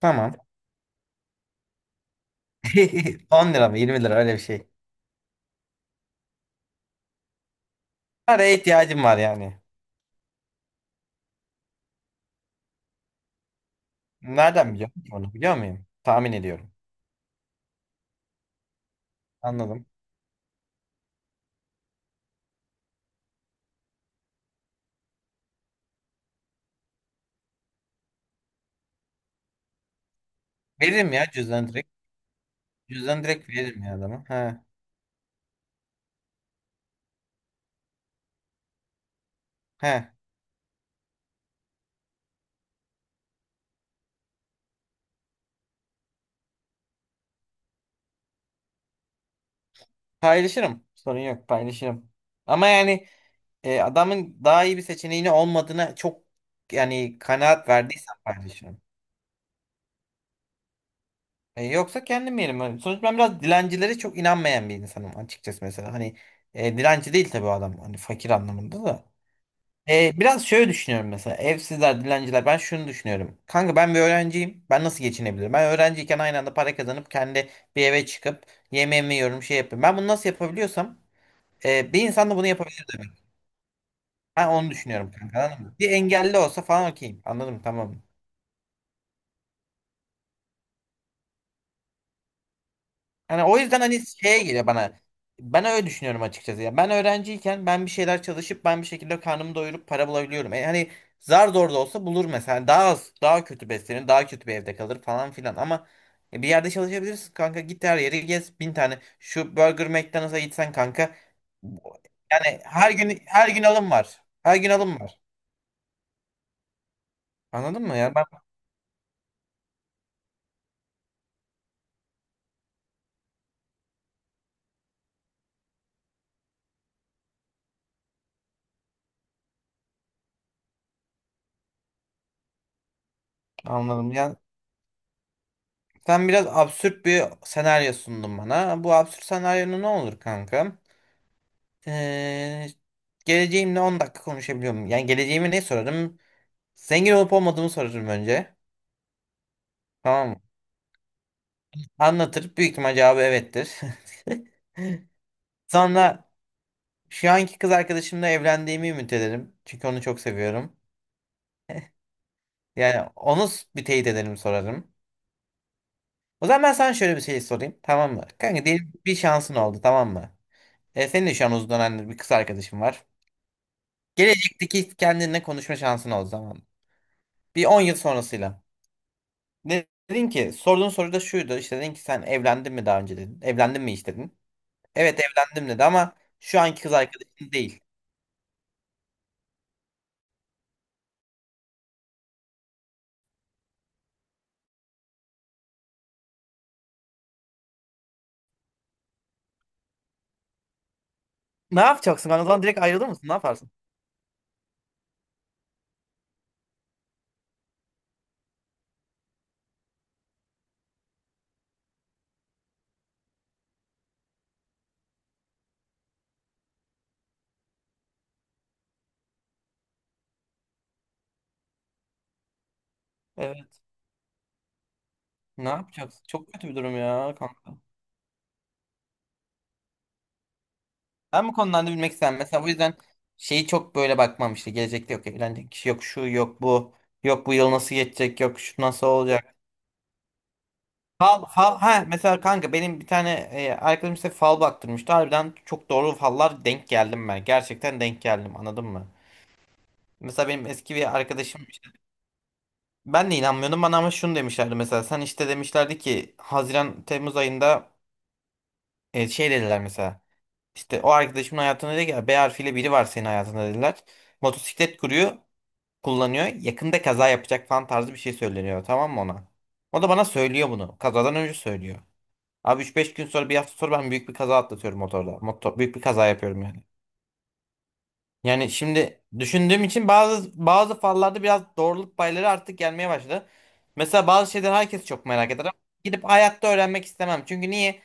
Tamam. 10 lira mı 20 lira, öyle bir şey. Paraya ihtiyacım var yani. Nereden biliyorum ki, onu biliyor muyum? Tahmin ediyorum. Anladım. Veririm ya cüzdanı direkt. Cüzdanı direkt veririm ya adama. He. He. Paylaşırım. Sorun yok, paylaşırım. Ama yani adamın daha iyi bir seçeneğini olmadığına çok, yani kanaat verdiysem paylaşırım. Yoksa kendim yerim. Yani sonuçta ben biraz dilencilere çok inanmayan bir insanım açıkçası, mesela. Hani dilenci değil tabii o adam. Hani fakir anlamında da. Biraz şöyle düşünüyorum, mesela evsizler, dilenciler, ben şunu düşünüyorum. Kanka, ben bir öğrenciyim. Ben nasıl geçinebilirim? Ben öğrenciyken aynı anda para kazanıp kendi bir eve çıkıp yemeğimi yiyorum, şey yapıyorum. Ben bunu nasıl yapabiliyorsam bir insan da bunu yapabilir demek. Ben onu düşünüyorum kanka, anladın mı? Bir engelli olsa falan okeyim. Anladım, tamam. Yani o yüzden hani şeye geliyor bana. Ben öyle düşünüyorum açıkçası. Ya ben öğrenciyken ben bir şeyler çalışıp ben bir şekilde karnımı doyurup para bulabiliyorum. Hani zar zor da olsa bulur mesela. Hani daha az, daha kötü beslenir, daha kötü bir evde kalır falan filan. Ama bir yerde çalışabilirsin kanka. Git her yeri gez. Bin tane şu Burger McDonald's'a gitsen kanka. Yani her gün her gün alım var. Her gün alım var. Anladın mı ya? Ben anladım. Yani sen biraz absürt bir senaryo sundun bana. Bu absürt senaryo ne olur kanka? Ee, geleceğimle 10 dakika konuşabiliyorum. Yani geleceğimi ne sorarım? Zengin olup olmadığımı sorarım önce. Tamam mı? Anlatır. Büyük ihtimal cevabı evettir. Sonra şu anki kız arkadaşımla evlendiğimi ümit ederim. Çünkü onu çok seviyorum. Yani onu bir teyit ederim, sorarım. O zaman ben sana şöyle bir şey sorayım. Tamam mı? Kanka, diyelim bir şansın oldu, tamam mı? Senin de şu an uzun dönemdir bir kız arkadaşın var. Gelecekteki kendinle konuşma şansın oldu zaman. Bir 10 yıl sonrasıyla. Dedin ki sorduğun soru da şuydu işte, dedin ki sen evlendin mi daha önce dedin. Evlendin mi hiç dedin. Evet evlendim dedi ama şu anki kız arkadaşın değil. Ne yapacaksın kanka? O zaman direkt ayrılır mısın? Ne yaparsın? Evet. Ne yapacaksın? Çok kötü bir durum ya kanka. Ben bu konularda bilmek istemem. Mesela bu yüzden şeyi çok böyle bakmam işte. Gelecekte yok evlenecek kişi, yok şu, yok bu. Yok bu yıl nasıl geçecek, yok şu nasıl olacak. Ha, mesela kanka, benim bir tane arkadaşım işte fal baktırmıştı. Harbiden çok doğru fallar denk geldim ben. Gerçekten denk geldim, anladın mı? Mesela benim eski bir arkadaşım ben de inanmıyordum bana, ama şunu demişlerdi mesela, sen işte demişlerdi ki Haziran Temmuz ayında şey dediler mesela, işte o arkadaşımın hayatında dedi ki B harfiyle biri var senin hayatında dediler. Motosiklet kuruyor, kullanıyor, yakında kaza yapacak falan tarzı bir şey söyleniyor, tamam mı ona? O da bana söylüyor bunu, kazadan önce söylüyor. Abi üç beş gün sonra, bir hafta sonra ben büyük bir kaza atlatıyorum motorda. Motor, büyük bir kaza yapıyorum yani. Yani şimdi düşündüğüm için bazı bazı fallarda biraz doğruluk payları artık gelmeye başladı. Mesela bazı şeyler herkes çok merak eder ama gidip hayatta öğrenmek istemem. Çünkü niye?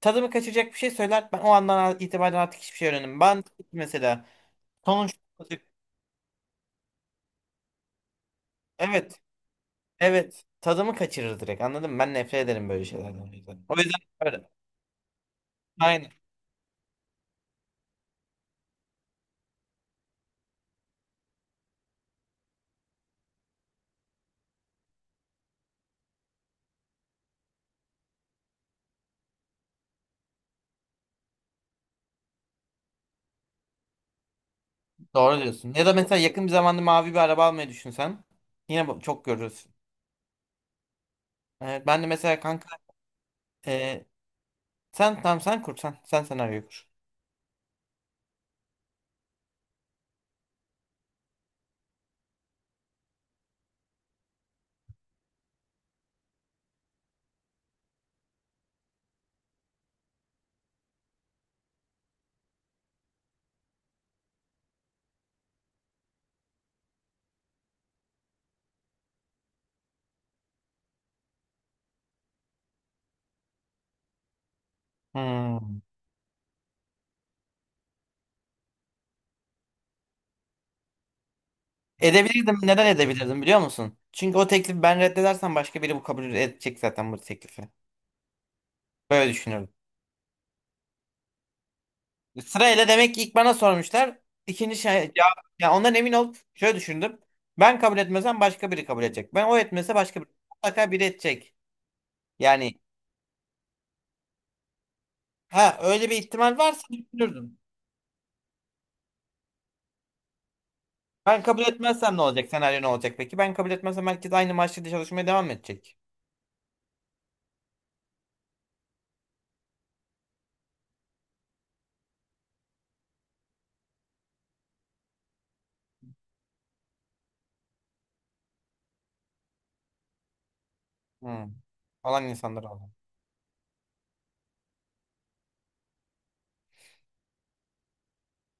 Tadımı kaçacak bir şey söyler. Ben o andan itibaren artık hiçbir şey öğrenemem. Ben mesela, sonuç, evet evet, tadımı kaçırır direkt, anladın mı? Ben nefret ederim böyle şeylerden. O yüzden öyle. Aynen. Doğru diyorsun. Ya da mesela yakın bir zamanda mavi bir araba almayı düşünsen yine çok görürsün. Evet, ben de mesela kanka. e, Sen tamam, sen kur sen. Sen senaryoyu kur. Hmm. Edebilirdim. Neden edebilirdim, biliyor musun? Çünkü o teklifi ben reddedersem başka biri bu kabul edecek zaten bu teklifi. Böyle düşünüyorum. Sırayla demek ki ilk bana sormuşlar. İkinci şey cevap. Ya ondan emin olup şöyle düşündüm. Ben kabul etmezsem başka biri kabul edecek. Ben o etmese başka biri. Mutlaka biri edecek. Yani ha, öyle bir ihtimal varsa düşünürdüm. Ben kabul etmezsem ne olacak? Senaryo ne olacak peki? Ben kabul etmezsem herkes aynı maaşla çalışmaya devam edecek. Hmm. Olan insanlar oldu.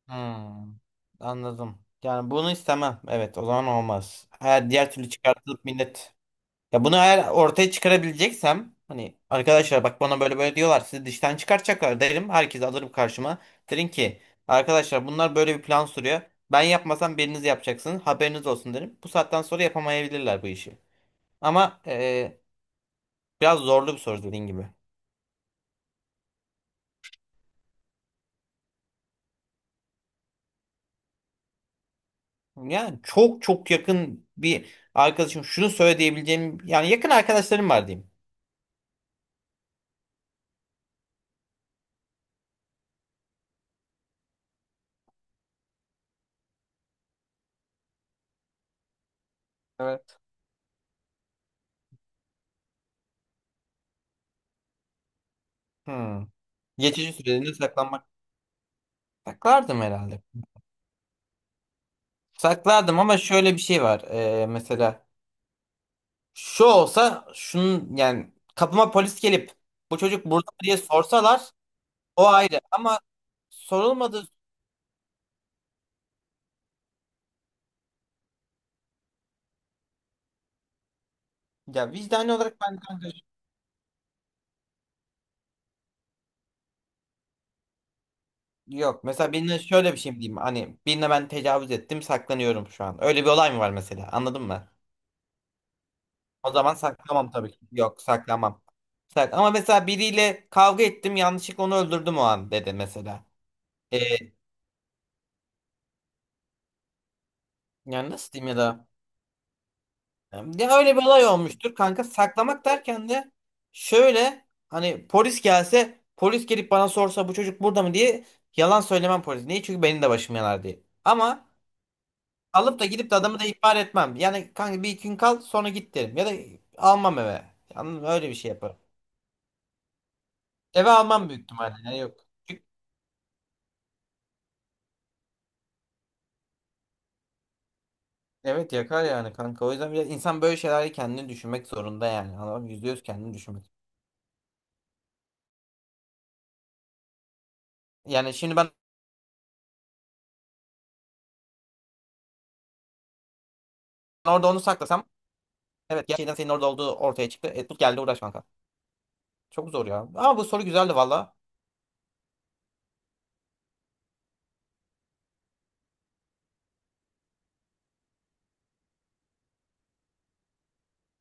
Hmm, anladım. Yani bunu istemem. Evet, o zaman olmaz. Eğer diğer türlü çıkartılıp millet. Ya bunu eğer ortaya çıkarabileceksem, hani arkadaşlar, bak bana böyle böyle diyorlar, sizi dıştan çıkartacaklar derim. Herkesi alırım karşıma. Derim ki, arkadaşlar, bunlar böyle bir plan sürüyor. Ben yapmasam biriniz yapacaksınız. Haberiniz olsun derim. Bu saatten sonra yapamayabilirler bu işi. Ama biraz zorlu bir soru, dediğin gibi. Yani çok çok yakın bir arkadaşım şunu söyle diyebileceğim, yani yakın arkadaşlarım var diyeyim. Hmm. Geçici süreliğine saklanmak. Saklardım herhalde. Saklardım ama şöyle bir şey var. Mesela şu olsa şunun yani, kapıma polis gelip bu çocuk burada mı diye sorsalar o ayrı ama sorulmadı ya, vicdani olarak ben kanka yok. Mesela birine şöyle bir şey mi diyeyim, hani birine ben tecavüz ettim saklanıyorum şu an. Öyle bir olay mı var mesela, anladın mı? O zaman saklamam tabii ki. Yok saklamam. Ama mesela biriyle kavga ettim yanlışlıkla onu öldürdüm o an dedi mesela. Ee, Yani nasıl diyeyim ya da, ya öyle bir olay olmuştur kanka, saklamak derken de şöyle, hani polis gelse, polis gelip bana sorsa bu çocuk burada mı diye, yalan söylemem polis. Niye? Çünkü benim de başım yanar diye. Ama alıp da gidip de adamı da ihbar etmem. Yani kanka bir iki gün kal sonra git derim ya da almam eve. Anladın mı? Öyle bir şey yaparım. Eve almam büyük ihtimalle. Yani yok. Çünkü- Evet, yakar yani kanka. O yüzden biraz insan böyle şeyleri kendini düşünmek zorunda yani. Anladın mı? %100 kendini düşünmek. Yani şimdi ben orada onu saklasam, evet gerçekten senin orada olduğu ortaya çıktı. Tut geldi uğraş kanka. Çok zor ya. Ama bu soru güzeldi valla.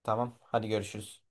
Tamam, hadi görüşürüz.